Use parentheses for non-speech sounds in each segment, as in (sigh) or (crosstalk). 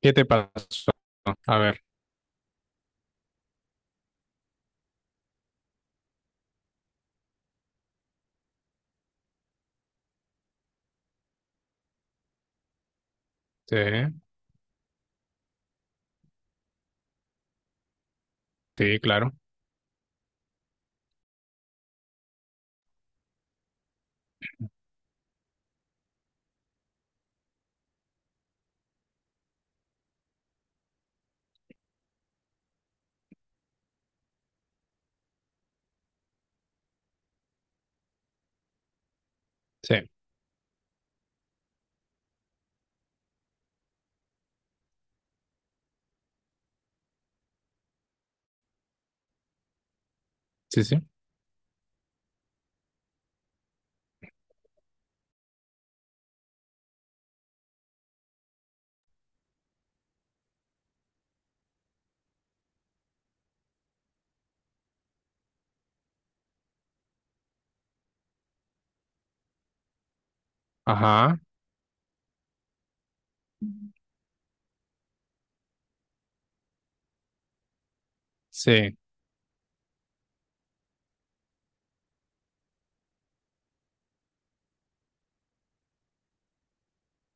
¿Qué te pasó? A ver, sí, sí, claro. Sí, sí, sí. Ajá, sí.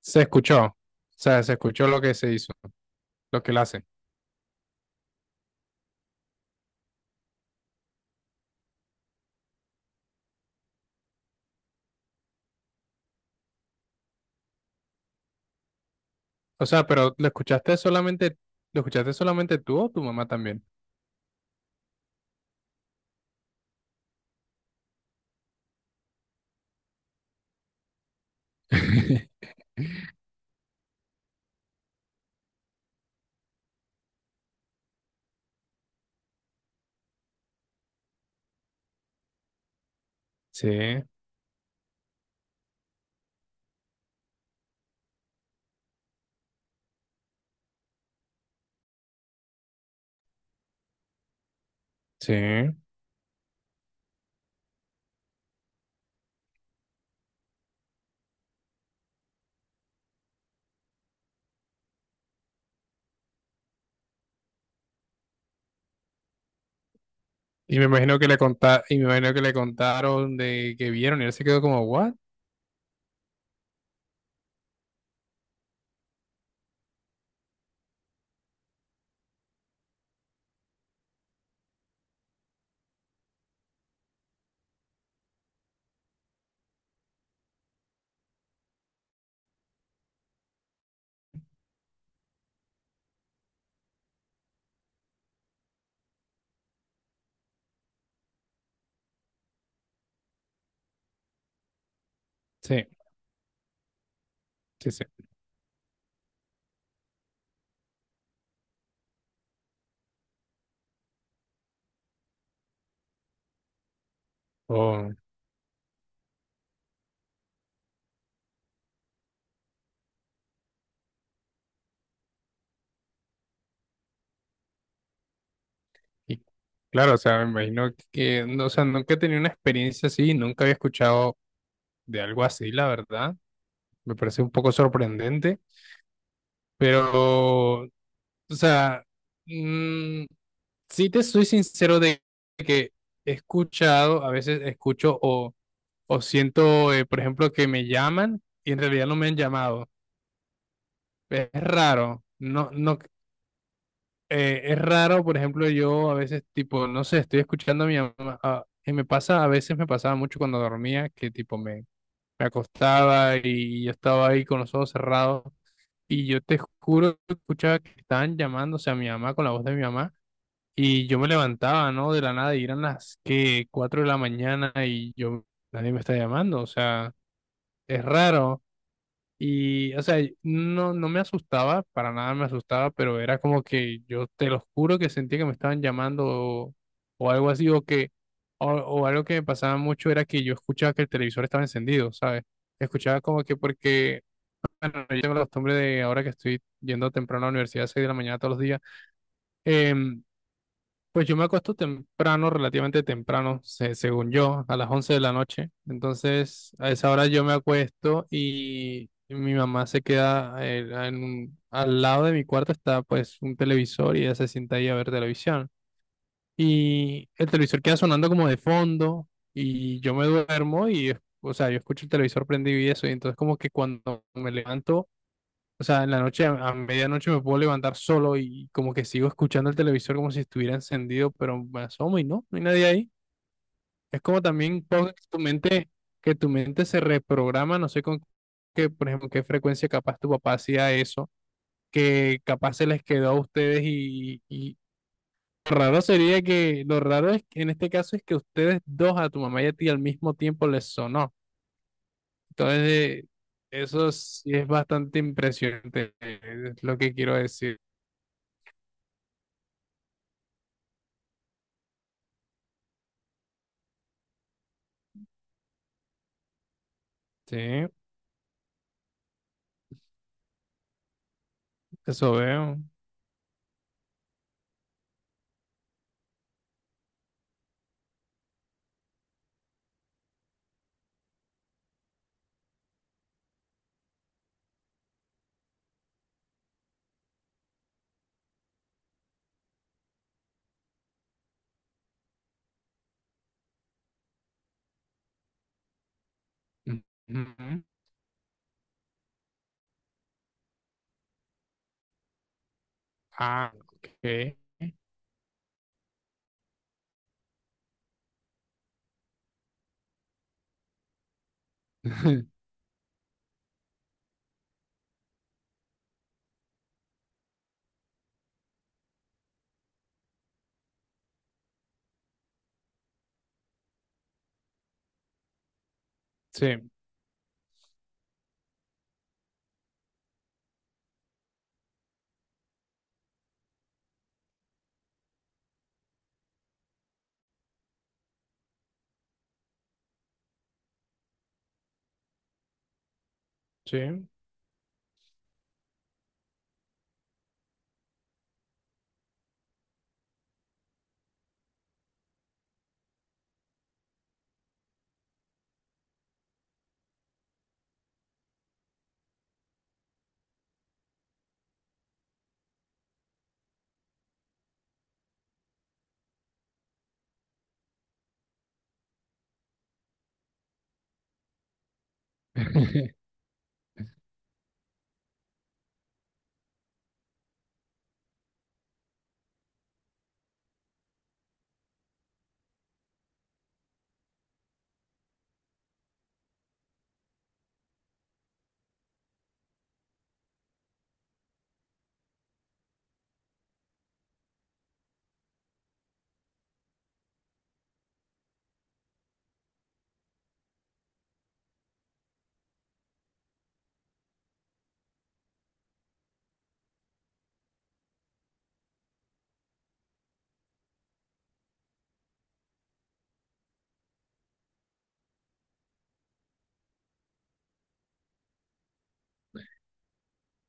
Se escuchó. O sea, se escuchó lo que se hizo, lo que él hace. O sea, pero lo escuchaste solamente tú o tu mamá también? (laughs) Sí, sí. Y me imagino que le contaron de que vieron y él se quedó como, ¿what? Sí, sí, sí. Oh, y claro, o sea, me imagino que, no, o sea, nunca he tenido una experiencia así, nunca había escuchado de algo así, la verdad. Me parece un poco sorprendente, pero, o sea, mm, sí te soy sincero de que he escuchado, a veces escucho o siento, por ejemplo, que me llaman y en realidad no me han llamado. Es raro, no, no, es raro, por ejemplo, yo a veces, tipo, no sé, estoy escuchando a mi mamá, y me pasa, a veces me pasaba mucho cuando dormía, que tipo me acostaba y yo estaba ahí con los ojos cerrados, y yo te juro que escuchaba que estaban llamándose a mi mamá con la voz de mi mamá, y yo me levantaba, ¿no? De la nada, y eran las que 4 de la mañana, y yo, nadie me está llamando, o sea, es raro. Y, o sea, no, no me asustaba, para nada me asustaba, pero era como que yo te lo juro que sentía que me estaban llamando o algo así, o algo que me pasaba mucho era que yo escuchaba que el televisor estaba encendido, ¿sabes? Escuchaba como que porque, bueno, yo tengo la costumbre de ahora que estoy yendo temprano a la universidad, a 6 de la mañana todos los días, em, pues yo me acuesto temprano, relativamente temprano, según yo, a las 11 de la noche. Entonces, a esa hora yo me acuesto y mi mamá se queda al lado de mi cuarto está pues un televisor y ella se sienta ahí a ver televisión. Y el televisor queda sonando como de fondo y yo me duermo y, o sea, yo escucho el televisor prendido y eso. Y entonces como que cuando me levanto o sea, en la noche, a medianoche me puedo levantar solo y como que sigo escuchando el televisor como si estuviera encendido, pero me asomo y no, no hay nadie ahí. Es como también poco que tu mente se reprograma, no sé con qué, por ejemplo, qué frecuencia capaz tu papá hacía eso, que capaz se les quedó a ustedes y raro sería que, lo raro es que en este caso es que ustedes dos, a tu mamá y a ti al mismo tiempo les sonó. Entonces, eh, eso sí es bastante impresionante, es lo que quiero decir. Sí. Eso veo. Ujú. Ah, ok. (laughs) Sí, sí. (laughs)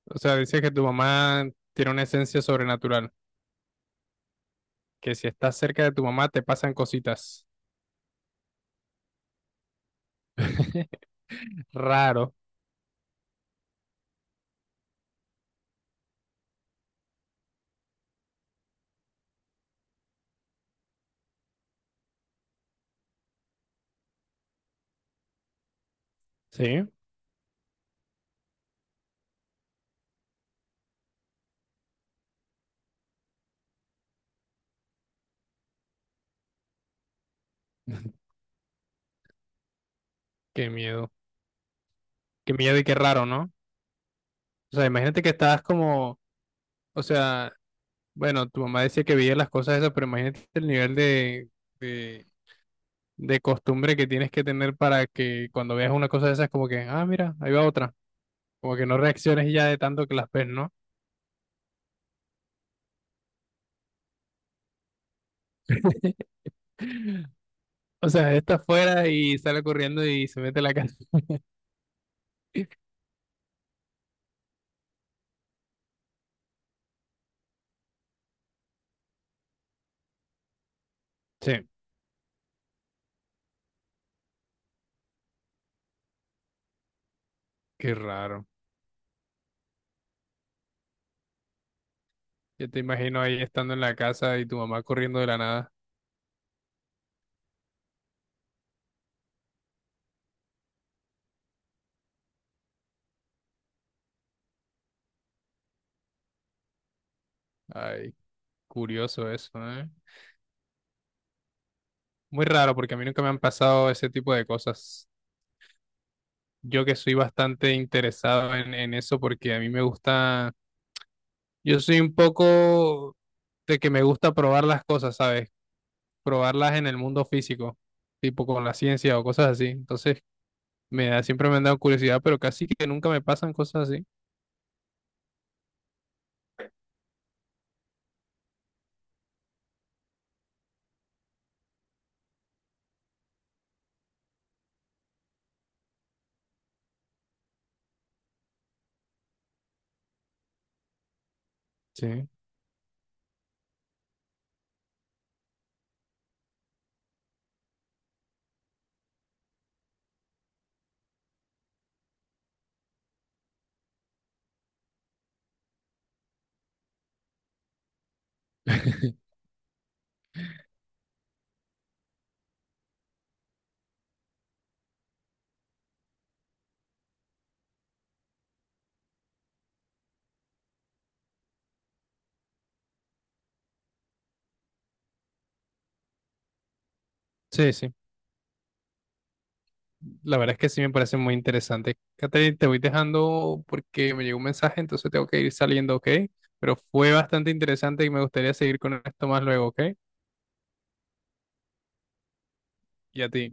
O sea, dices que tu mamá tiene una esencia sobrenatural, que si estás cerca de tu mamá te pasan cositas. (laughs) Raro, ¿sí? Qué miedo. Qué miedo y qué raro, ¿no? O sea, imagínate que estás como, o sea, bueno, tu mamá decía que veía las cosas esas, pero imagínate el nivel de, de costumbre que tienes que tener para que cuando veas una cosa de esas, como que, ah, mira, ahí va otra. Como que no reacciones ya de tanto que las ves, ¿no? (laughs) O sea, está afuera y sale corriendo y se mete a la casa. (laughs) Sí, qué raro. Yo te imagino ahí estando en la casa y tu mamá corriendo de la nada. Ay, curioso eso, ¿eh? Muy raro porque a mí nunca me han pasado ese tipo de cosas. Yo que soy bastante interesado en eso porque a mí me gusta, yo soy un poco de que me gusta probar las cosas, ¿sabes? Probarlas en el mundo físico, tipo con la ciencia o cosas así. Entonces, me da, siempre me han dado curiosidad, pero casi que nunca me pasan cosas así. Sí. (laughs) Sí, sí. La verdad es que sí me parece muy interesante. Catherine, te voy dejando porque me llegó un mensaje, entonces tengo que ir saliendo, ¿ok? Pero fue bastante interesante y me gustaría seguir con esto más luego, ¿ok? Y a ti.